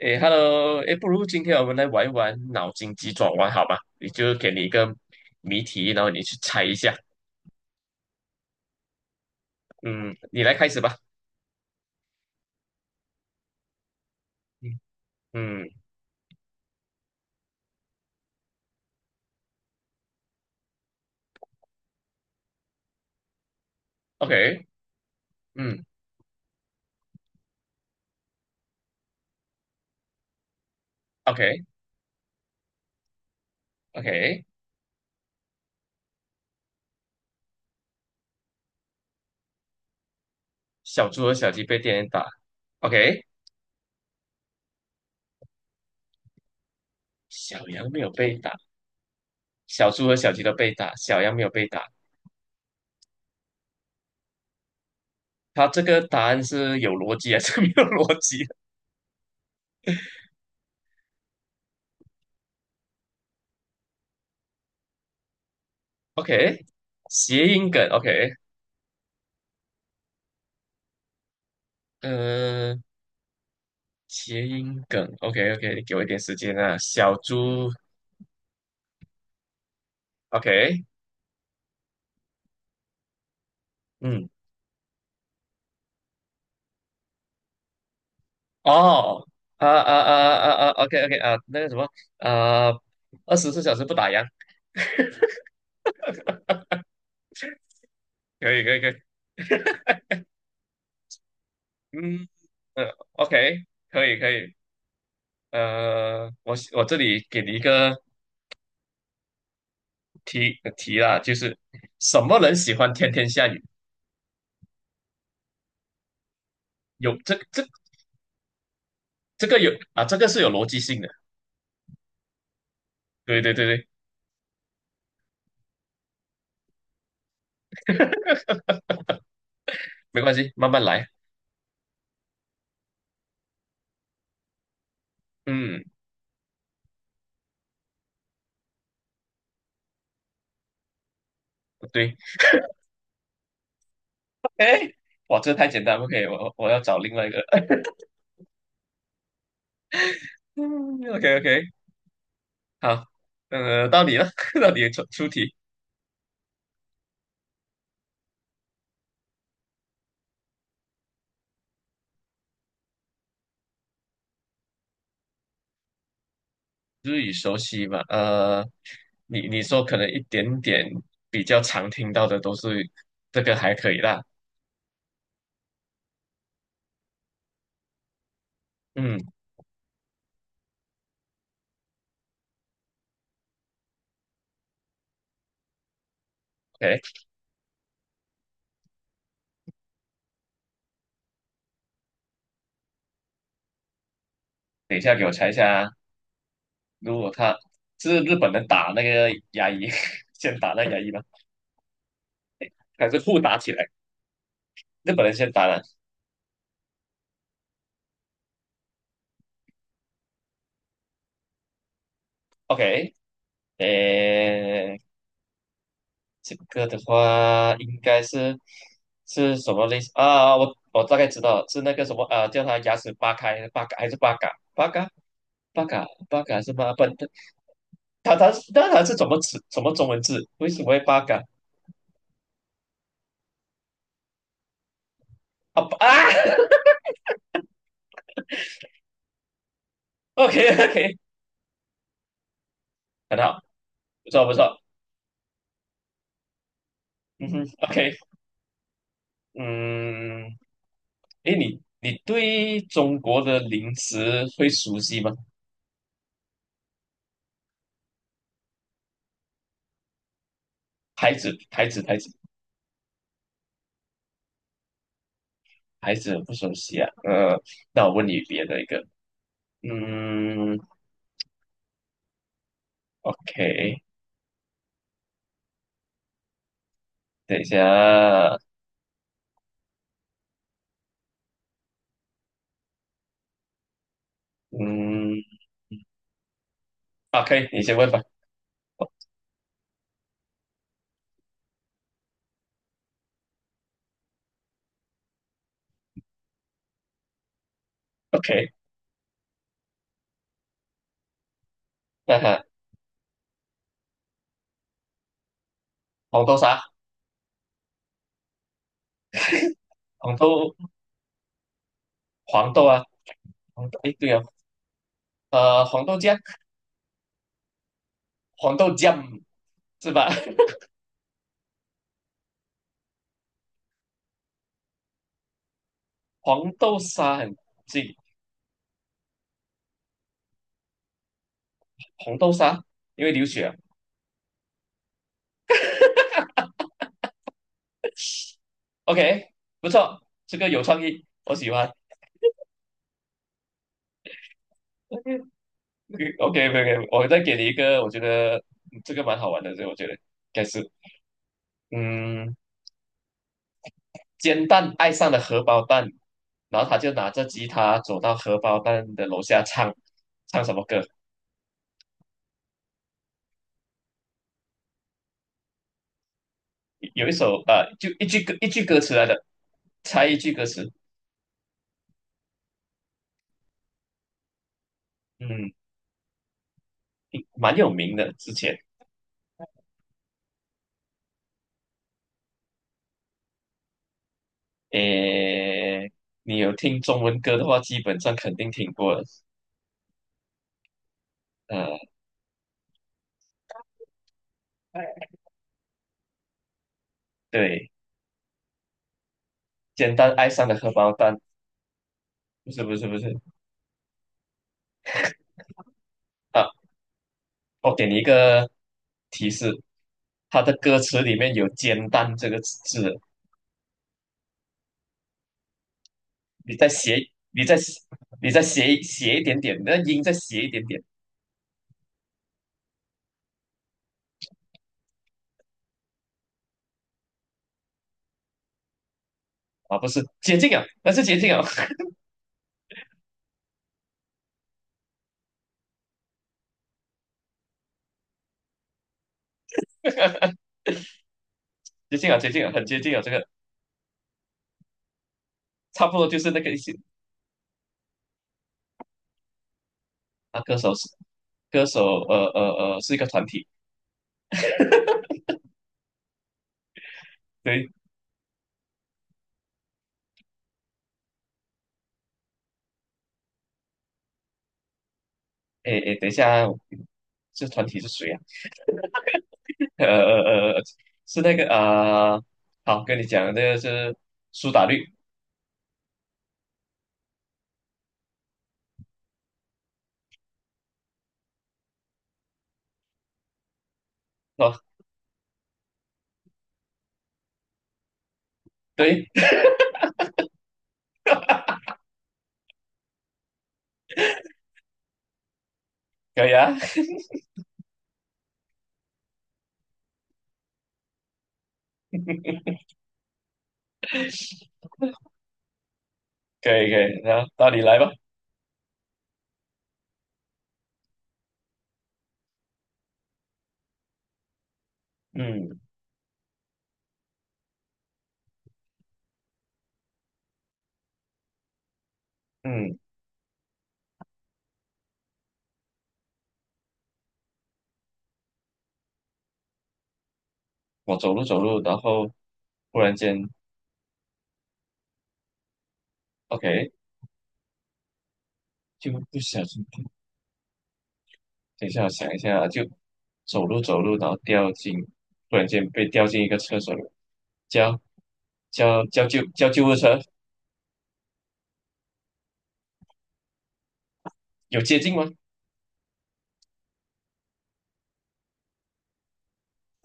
诶，Hello，诶，不如今天我们来玩一玩脑筋急转弯，好吧？你就给你一个谜题，然后你去猜一下。嗯，你来开始吧。嗯嗯，OK，嗯，OK，OK。OK 小猪和小鸡被电打，OK。小羊没有被打，小猪和小鸡都被打，小羊没有被打。它这个答案是有逻辑还是 没有逻辑？OK，谐音梗，OK，嗯、谐音梗，OK，OK，给我一点时间啊。小猪，OK。嗯，哦，啊啊啊啊啊，OK OK 啊，那个什么，啊，24小时不打烊，可以可以可以，嗯，呃，OK，可以可以，我这里给你一个题啦，就是什么人喜欢天天下雨？有这个有啊，这个是有逻辑性的，对对对对，没关系，慢慢来，嗯，对 o 哇，这太简单，OK，我要找另外一个，嗯，OK OK，好，到你了，到你出题。日语熟悉吧？你说可能一点点比较常听到的都是这个还可以啦。嗯，o k 等一下给我猜一下啊如果他是日本人打那个牙医，先打那牙医吗？还是互打起来？日本人先打了，OK，诶，这个的话应该是是什么类似啊？我大概知道了是那个什么啊，叫他牙齿扒开，八嘎还是八嘎，八嘎，八嘎，八嘎是吗？不，他是怎么词怎么中文字？为什么会八嘎啊啊 ？OK OK，很好，不错不错，嗯哼，OK，嗯，诶，你对中国的零食会熟悉吗？牌子牌子牌子牌子很不熟悉啊，那我问你别的一个，嗯，OK，等一下，嗯啊，可以，你先问吧，OK，那哈，红豆沙，红豆黄豆啊，红豆，诶，对哦，黄豆酱。黄豆酱是吧？黄豆沙很近，红豆沙因为流血啊 OK，不错，这个有创意，我喜欢。OK OK，OK，我再给你一个，我觉得嗯这个蛮好玩的，这个我觉得应该是，嗯，煎蛋爱上了荷包蛋，然后他就拿着吉他走到荷包蛋的楼下唱，唱什么歌？有一首就一句歌一句歌词来的，猜一句歌词，嗯，蛮有名的，之前诶，你有听中文歌的话，基本上肯定听过了。呃，对，简单爱上的荷包蛋，不是不是不是啊，我给你一个提示，它的歌词里面有"煎蛋"这个字，你再写，你再你再斜写一点点，那音再写一点点啊，不是接近啊，那是接近啊，接近啊，接近啊，很接近啊，这个差不多就是那个意思啊。歌手是歌手，呃呃是一个团体，对，诶诶，等一下。这团体是谁啊？呃呃呃，是那个啊、好，跟你讲，这个是苏打绿哦，对，可以啊，可以可以，那到你来吧。嗯嗯，我走路走路，然后忽然间，OK，就不小心，等一下我想一下啊，就走路走路，然后掉进，忽然间被掉进一个厕所里，叫叫救护车，有接近吗？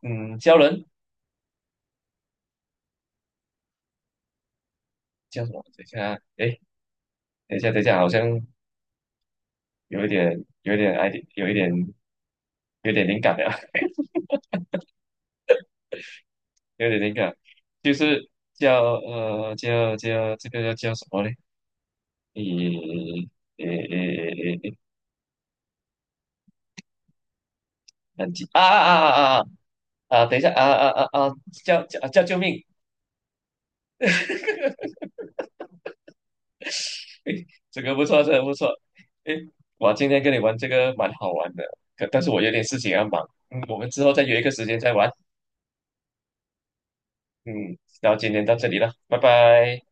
嗯，叫人叫什么？等一下啊，哎，等一下，好像有一点，有一点爱，有一点，有点灵感了，有点灵感，就是叫这个叫什么嘞？诶诶诶诶诶，等级啊啊啊啊啊！啊，等一下啊啊啊啊！叫救命！诶，这个不错，这个不错。诶，我今天跟你玩这个蛮好玩的，可但是我有点事情要忙。嗯，我们之后再约一个时间再玩。嗯，然后今天到这里了，拜拜。